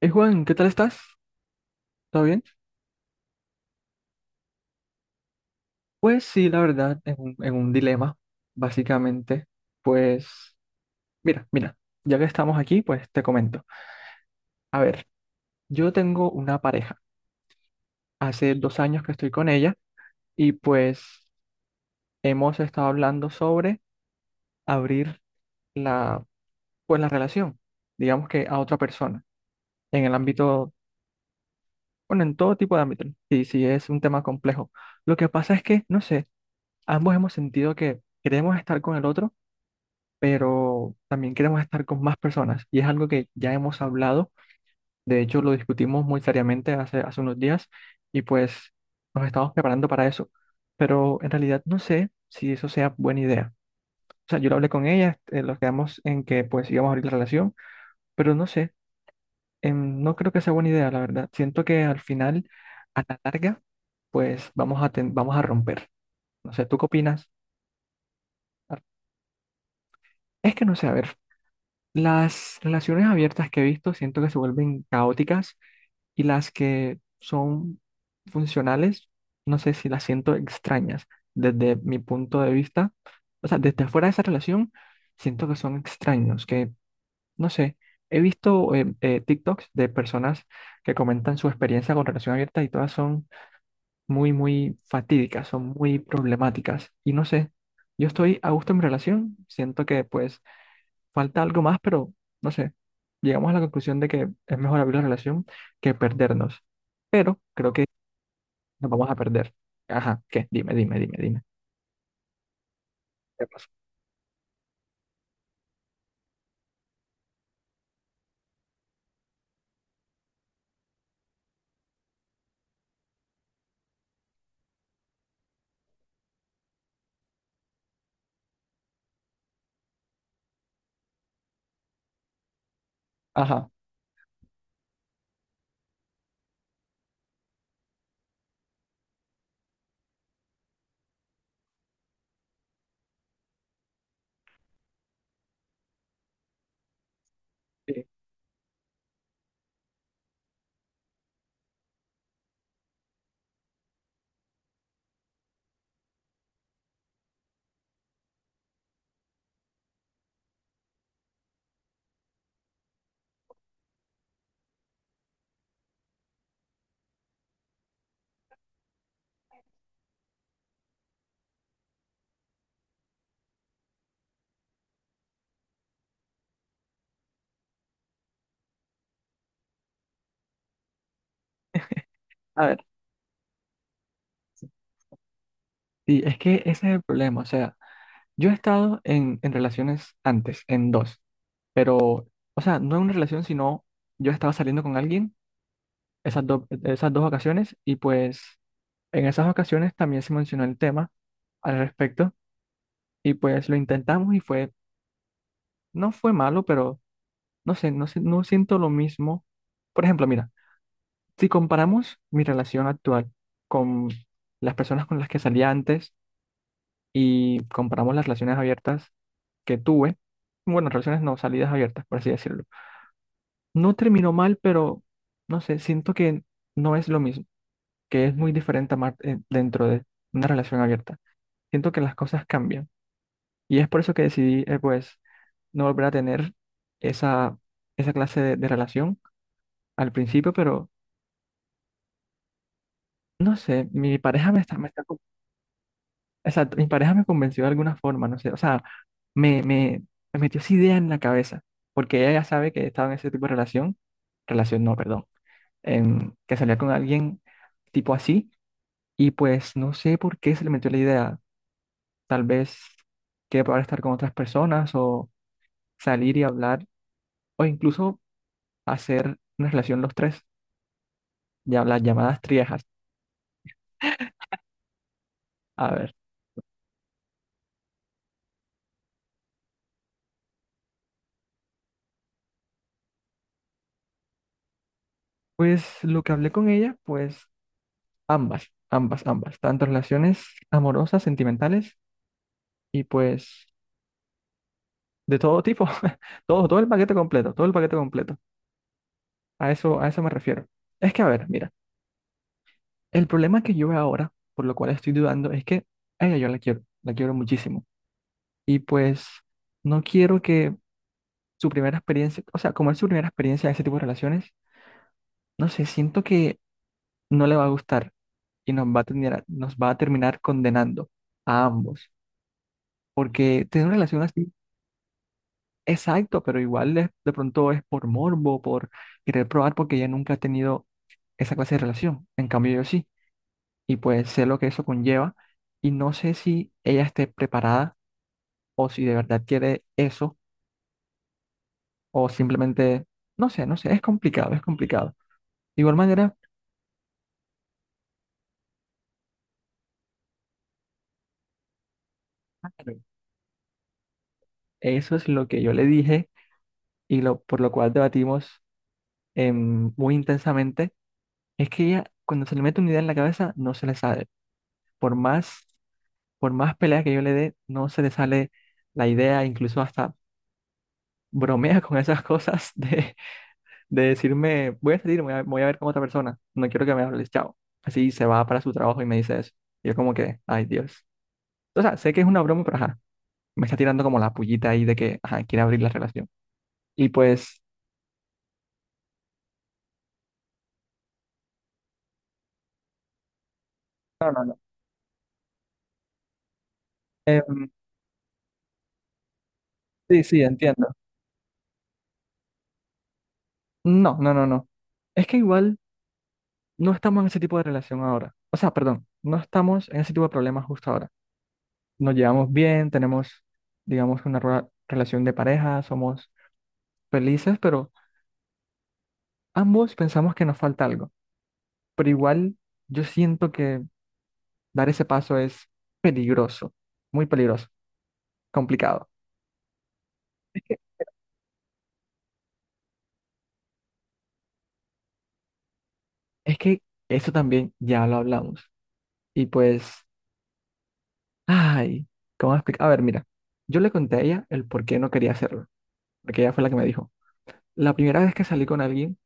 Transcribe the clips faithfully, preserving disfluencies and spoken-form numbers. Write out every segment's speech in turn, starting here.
Eh, Juan, ¿qué tal estás? ¿Todo bien? Pues sí, la verdad, en un, en un dilema, básicamente. Pues, mira, mira, ya que estamos aquí, pues te comento. A ver, yo tengo una pareja. Hace dos años que estoy con ella y pues hemos estado hablando sobre abrir la, pues, la relación, digamos que a otra persona, en el ámbito, bueno, en todo tipo de ámbito. Sí, sí, es un tema complejo. Lo que pasa es que, no sé, ambos hemos sentido que queremos estar con el otro, pero también queremos estar con más personas y es algo que ya hemos hablado, de hecho lo discutimos muy seriamente hace, hace unos días y pues nos estamos preparando para eso, pero en realidad no sé si eso sea buena idea. O sea, yo lo hablé con ella, eh, nos quedamos en que pues íbamos a abrir la relación, pero no sé, em, no creo que sea buena idea, la verdad. Siento que al final, a la larga, pues vamos a, ten- vamos a romper. No sé, ¿tú qué opinas? Es que no sé, a ver. Las relaciones abiertas que he visto siento que se vuelven caóticas y las que son funcionales, no sé si las siento extrañas desde mi punto de vista. O sea, desde fuera de esa relación, siento que son extraños, que no sé, he visto eh, eh, TikToks de personas que comentan su experiencia con relación abierta y todas son muy, muy fatídicas, son muy problemáticas. Y no sé, yo estoy a gusto en mi relación, siento que pues falta algo más, pero no sé. Llegamos a la conclusión de que es mejor abrir la relación que perdernos. Pero creo que nos vamos a perder. Ajá, ¿qué? Dime, dime, dime, dime. ¿Qué pasó? Ajá. Sí. A ver, sí, es que ese es el problema. O sea, yo he estado en, en relaciones antes, en dos, pero, o sea, no en una relación, sino yo estaba saliendo con alguien esas, do- esas dos ocasiones y pues en esas ocasiones también se mencionó el tema al respecto y pues lo intentamos y fue, no fue malo, pero no sé, no sé, no siento lo mismo. Por ejemplo, mira, si comparamos mi relación actual con las personas con las que salía antes y comparamos las relaciones abiertas que tuve, bueno, relaciones no, salidas abiertas, por así decirlo. No terminó mal, pero no sé, siento que no es lo mismo, que es muy diferente amar eh, dentro de una relación abierta. Siento que las cosas cambian y es por eso que decidí, eh, pues, no volver a tener esa, esa clase de de relación al principio, pero no sé, mi pareja me está, me está con- exacto, mi pareja me convenció de alguna forma, no sé, o sea, me, me, me metió esa idea en la cabeza, porque ella ya sabe que estaba en ese tipo de relación, relación no, perdón, em, que salía con alguien tipo así, y pues no sé por qué se le metió la idea, tal vez que poder estar con otras personas o salir y hablar, o incluso hacer una relación los tres, ya las llamadas triejas. A ver, pues lo que hablé con ella, pues ambas, ambas, ambas. Tanto relaciones amorosas, sentimentales y pues de todo tipo. Todo, todo el paquete completo, todo el paquete completo. A eso, a eso me refiero. Es que, a ver, mira, el problema que yo veo ahora, por lo cual estoy dudando, es que a ella yo la quiero, la quiero muchísimo. Y pues no quiero que su primera experiencia, o sea, como es su primera experiencia de ese tipo de relaciones, no sé, siento que no le va a gustar y nos va a terminar, nos va a terminar condenando a ambos. Porque tener una relación así exacto, pero igual de de pronto es por morbo, por querer probar, porque ella nunca ha tenido esa clase de relación. En cambio, yo sí. Y pues sé lo que eso conlleva. Y no sé si ella esté preparada o si de verdad quiere eso o simplemente, no sé, no sé, es complicado, es complicado. De igual manera, claro, eso es lo que yo le dije y lo por lo cual debatimos em, muy intensamente, es que ella cuando se le mete una idea en la cabeza no se le sale. Por más por más pelea que yo le dé, no se le sale la idea, incluso hasta bromea con esas cosas de, de decirme, voy a salir, voy a, voy a ver con otra persona, no quiero que me hables, chao. Así se va para su trabajo y me dice eso. Y yo como que, ay Dios. O sea, sé que es una broma, pero ajá, me está tirando como la pullita ahí de que, ajá, quiere abrir la relación. Y pues... No, no, no. Em, sí, sí, entiendo. No, no, no, no. Es que igual no estamos en ese tipo de relación ahora. O sea, perdón, no estamos en ese tipo de problemas justo ahora. Nos llevamos bien, tenemos, digamos, una rela- relación de pareja, somos felices, pero ambos pensamos que nos falta algo. Pero igual yo siento que dar ese paso es peligroso, muy peligroso, complicado. Es que eso también ya lo hablamos. Y pues, ay, ¿cómo explicar? A ver, mira, yo le conté a ella el por qué no quería hacerlo, porque ella fue la que me dijo, la primera vez que salí con alguien,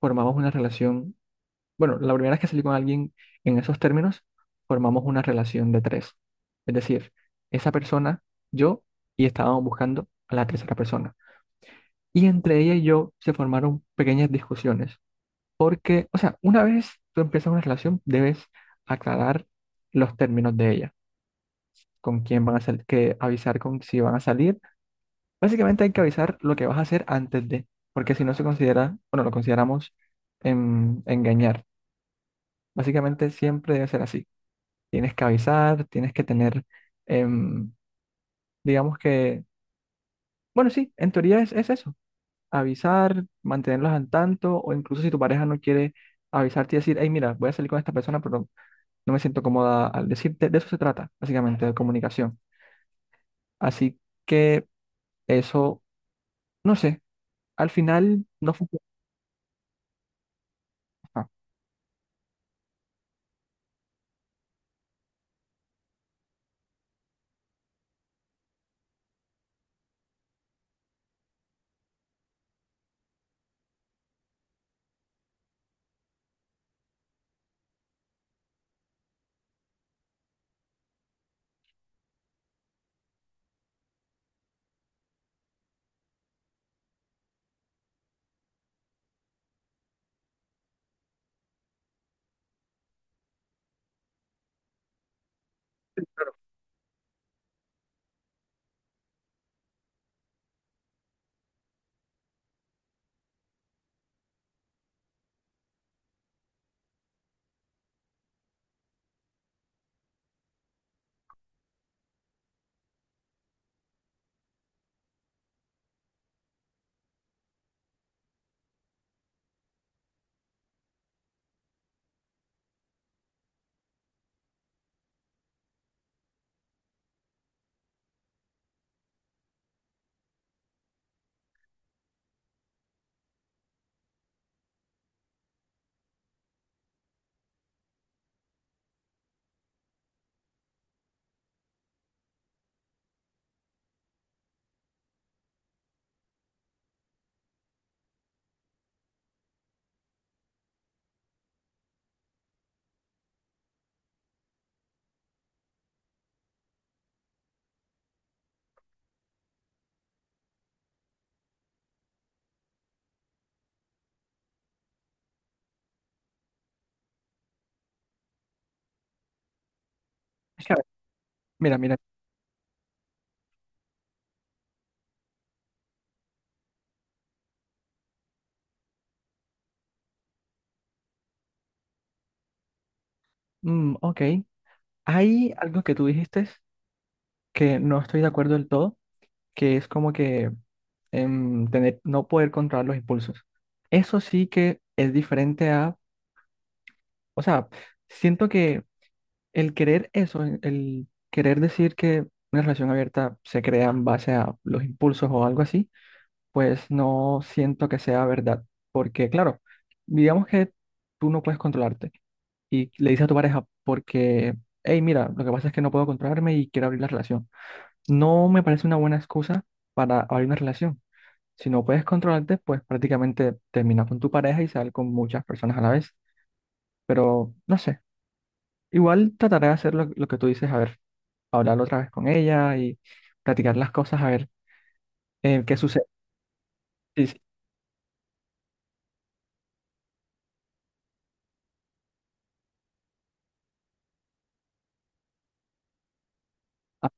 formamos una relación bueno, la primera vez que salí con alguien en esos términos, formamos una relación de tres. Es decir, esa persona, yo, y estábamos buscando a la tercera persona. Y entre ella y yo se formaron pequeñas discusiones. Porque, o sea, una vez tú empiezas una relación, debes aclarar los términos de ella. Con quién van a salir, que avisar con si van a salir. Básicamente hay que avisar lo que vas a hacer antes de, porque si no se considera, bueno, lo consideramos em, engañar. Básicamente siempre debe ser así. Tienes que avisar, tienes que tener, em, digamos que, bueno, sí, en teoría es, es eso, avisar, mantenerlos al tanto, o incluso si tu pareja no quiere avisarte y decir, hey, mira, voy a salir con esta persona, pero no me siento cómoda al decirte, de eso se trata, básicamente, de comunicación. Así que eso, no sé, al final no funciona. Ah, es que, a ver, mira, mira, mm, ok, hay algo que tú dijiste que no estoy de acuerdo del todo, que es como que em, tener, no poder controlar los impulsos. Eso sí que es diferente a, o sea, siento que el querer eso, el el querer decir que una relación abierta se crea en base a los impulsos o algo así, pues no siento que sea verdad, porque claro, digamos que tú no puedes controlarte y le dices a tu pareja porque, hey, mira, lo que pasa es que no puedo controlarme y quiero abrir la relación. No me parece una buena excusa para abrir una relación. Si no puedes controlarte, pues prácticamente terminas con tu pareja y sal con muchas personas a la vez. Pero no sé, igual trataré de hacer lo, lo que tú dices, a ver, hablar otra vez con ella y platicar las cosas, a ver eh, qué sucede. Sí, sí, ah,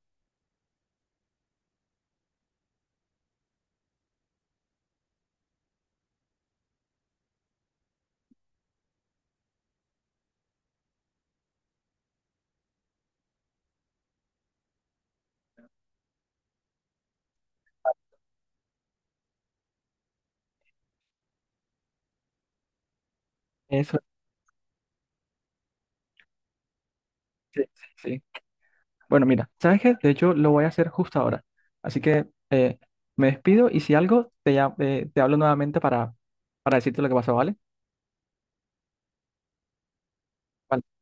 eso, sí, sí, sí. Bueno, mira, ¿sabes qué? De hecho, lo voy a hacer justo ahora. Así que eh, me despido y si algo, te, llam- eh, te hablo nuevamente para, para decirte lo que pasó, ¿vale? Vale.